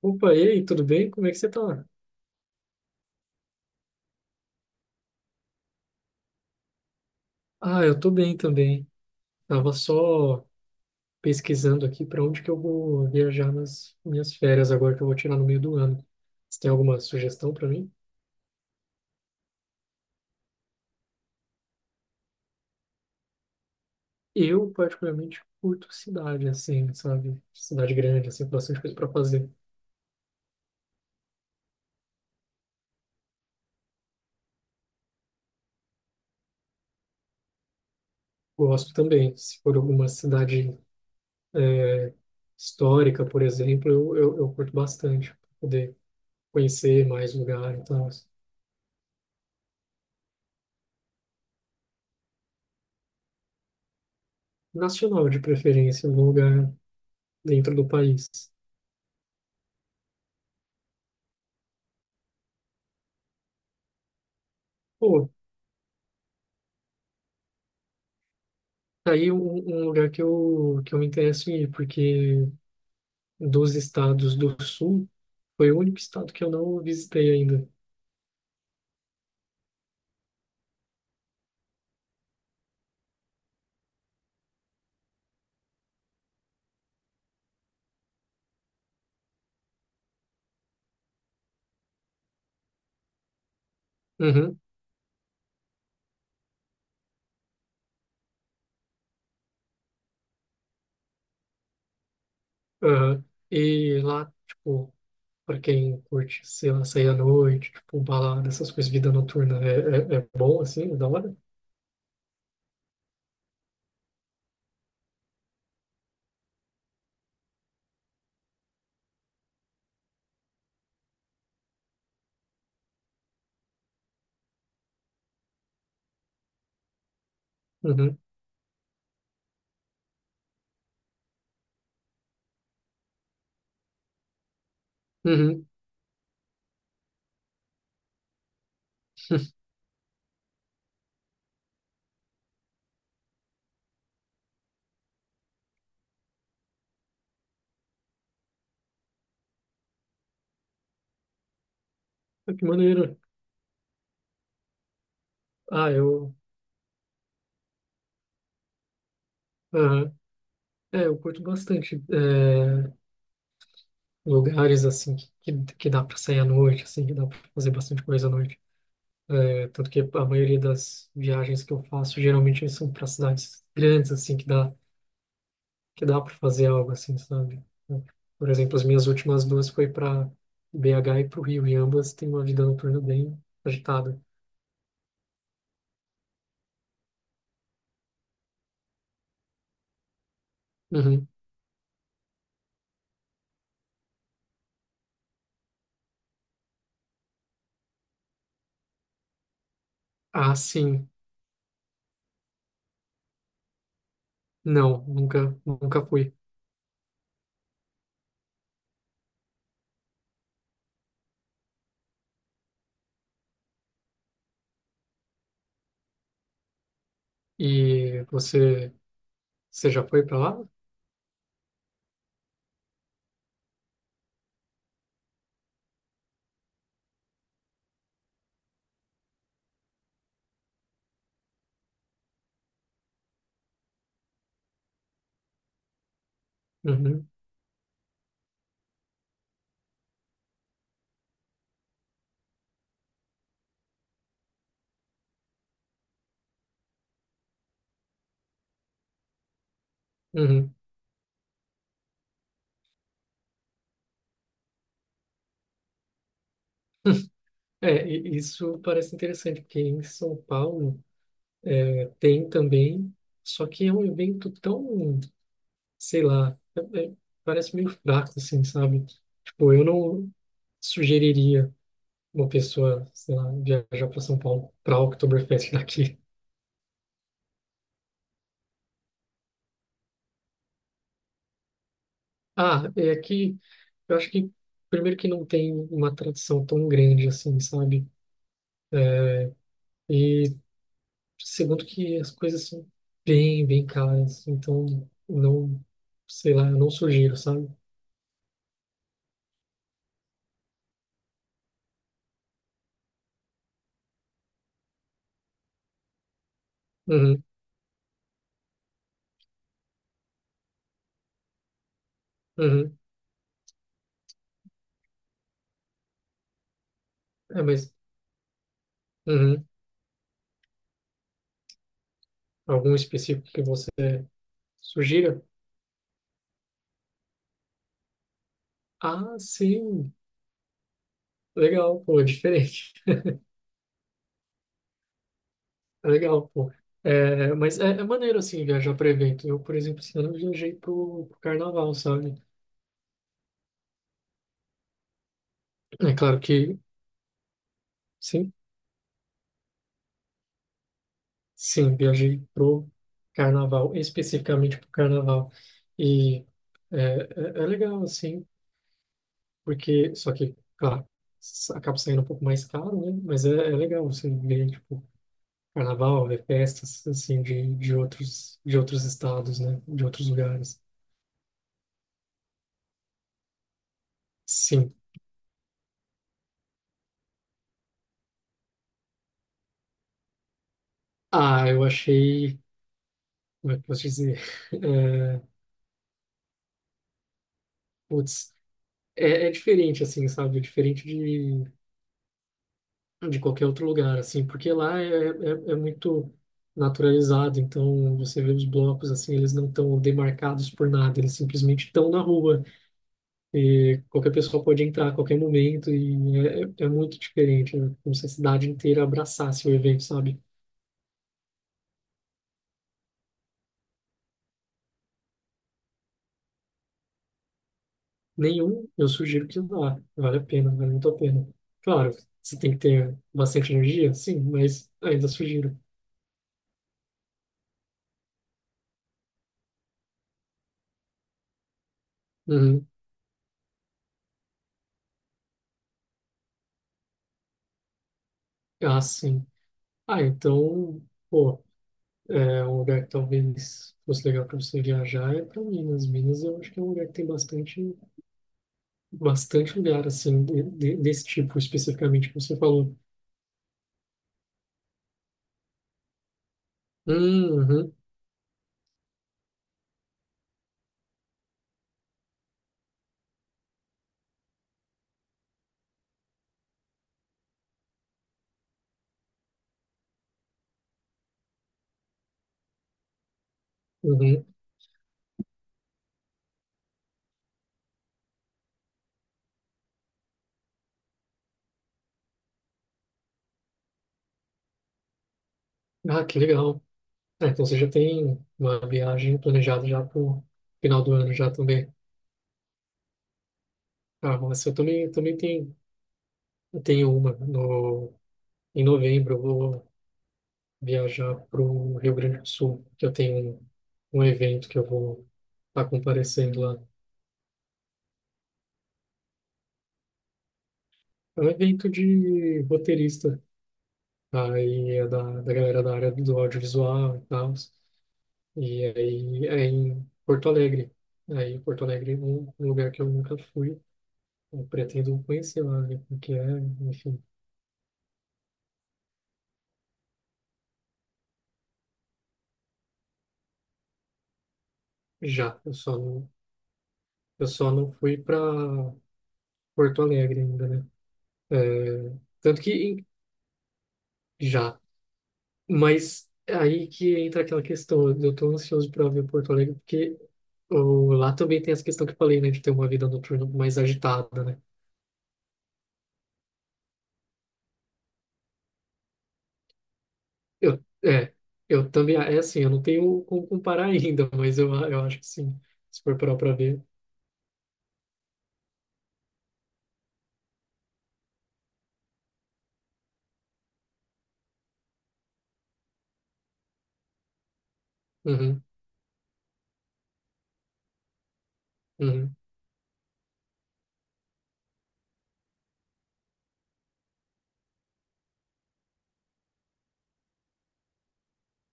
Opa, e aí, tudo bem? Como é que você tá? Ah, eu tô bem também. Tava só pesquisando aqui para onde que eu vou viajar nas minhas férias agora que eu vou tirar no meio do ano. Você tem alguma sugestão para mim? Eu particularmente curto cidade assim, sabe? Cidade grande, assim, com bastante coisa para fazer. Gosto também. Se for alguma cidade é, histórica, por exemplo, eu curto bastante pra poder conhecer mais lugar, então, nacional de preferência, algum lugar dentro do país. Pô, tá aí um lugar que eu me interesso em ir, porque dos estados do sul, foi o único estado que eu não visitei ainda. Uhum, aham. E lá, tipo, pra quem curte, sei lá, sair à noite, tipo, um balada, essas coisas, vida noturna, é bom, assim, é da hora? Uhum, uhum. Ah, que maneiro. Ah, eu, aham. É, eu curto bastante lugares, assim, que, que dá pra sair à noite, assim, que dá pra fazer bastante coisa à noite. É, tanto que a maioria das viagens que eu faço geralmente são para cidades grandes, assim, que dá para fazer algo assim, sabe? Então, por exemplo, as minhas últimas duas foi para BH e para o Rio, e ambas têm uma vida noturna bem agitada. Uhum. Ah, sim. Não, nunca, nunca fui. E você, você já foi para lá? Uhum, uhum. É, isso parece interessante, porque em São Paulo é, tem também, só que é um evento tão, sei lá, é- é- parece meio fraco, assim, sabe? Tipo, eu não sugeriria uma pessoa, sei lá, viajar para São Paulo para Oktoberfest daqui. Ah, é que eu acho que, primeiro, que não tem uma tradição tão grande assim, sabe? É, e segundo que as coisas são bem, bem caras, então não, sei lá, eu não sugiro, sabe? Uhum, uhum. É, mas uhum. Algum específico que você sugira? Ah, sim. Legal, pô, é diferente. É legal, pô. É, mas é maneiro, assim, viajar para evento. Eu, por exemplo, esse ano eu viajei pro carnaval, sabe? É claro que, sim, sim, viajei pro carnaval, especificamente pro carnaval. E é, é, é legal, assim, porque, só que, claro, acaba saindo um pouco mais caro, né? Mas é legal você ver, tipo, carnaval, ver festas, assim, de outros estados, né? De outros lugares. Sim. Ah, eu achei. Como é que eu posso dizer? É, putz, é diferente, assim, sabe? É diferente de qualquer outro lugar, assim, porque lá é muito naturalizado, então você vê os blocos, assim, eles não estão demarcados por nada, eles simplesmente estão na rua e qualquer pessoa pode entrar a qualquer momento e é muito diferente, né? Como se a cidade inteira abraçasse o evento, sabe? Nenhum, eu sugiro que vá, vale a pena, vale muito a pena. Claro, você tem que ter bastante energia, sim, mas ainda sugiro. Uhum. Ah, sim. Ah, então, pô, é um lugar que talvez fosse legal para você viajar é para Minas. Minas eu acho que é um lugar que tem bastante, bastante lugar, assim, desse tipo especificamente que você falou. Uhum, uhum. Ah, que legal. Ah, então você já tem uma viagem planejada já para o final do ano já também. Ah, nossa, eu também tenho, eu tenho uma no, em novembro. Viajar para o Rio Grande do Sul, que eu tenho um evento que eu vou estar comparecendo lá. É um evento de roteirista, aí é da, da galera da área do audiovisual e tal, e aí é em Porto Alegre. Aí Porto Alegre é um lugar que eu nunca fui, eu pretendo conhecer lá, ver como que é, enfim, já. Eu só não fui para Porto Alegre ainda, né? É, tanto que já. Mas aí que entra aquela questão, eu tô ansioso para ver Porto Alegre, porque ô, lá também tem essa questão que eu falei, né, de ter uma vida noturna mais agitada, né? Eu, é, eu também, é assim, eu não tenho como comparar ainda, mas eu acho que sim, se for parar para ver. Uhum, uhum.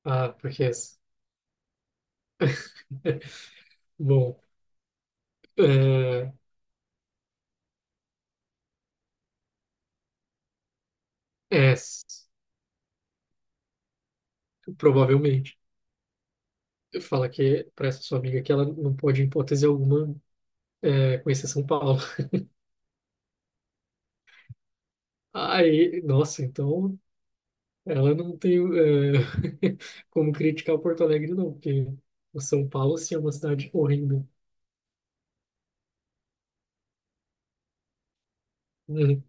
Ah, porque essa. Bom, é, é, provavelmente. Fala que para essa sua amiga que ela não pode, em hipótese alguma, conhecer São Paulo. Aí, nossa, então ela não tem como criticar o Porto Alegre, não, porque o São Paulo, sim, é uma cidade horrível. Uhum.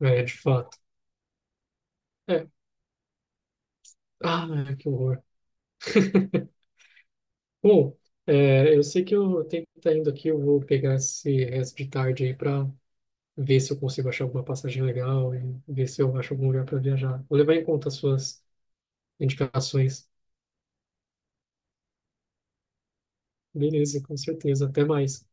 É, de fato. É. Ah, que horror. Bom, eu sei que eu tenho que estar indo aqui, eu vou pegar esse resto de tarde aí para ver se eu consigo achar alguma passagem legal e ver se eu acho algum lugar para viajar. Vou levar em conta as suas indicações. Beleza, com certeza. Até mais.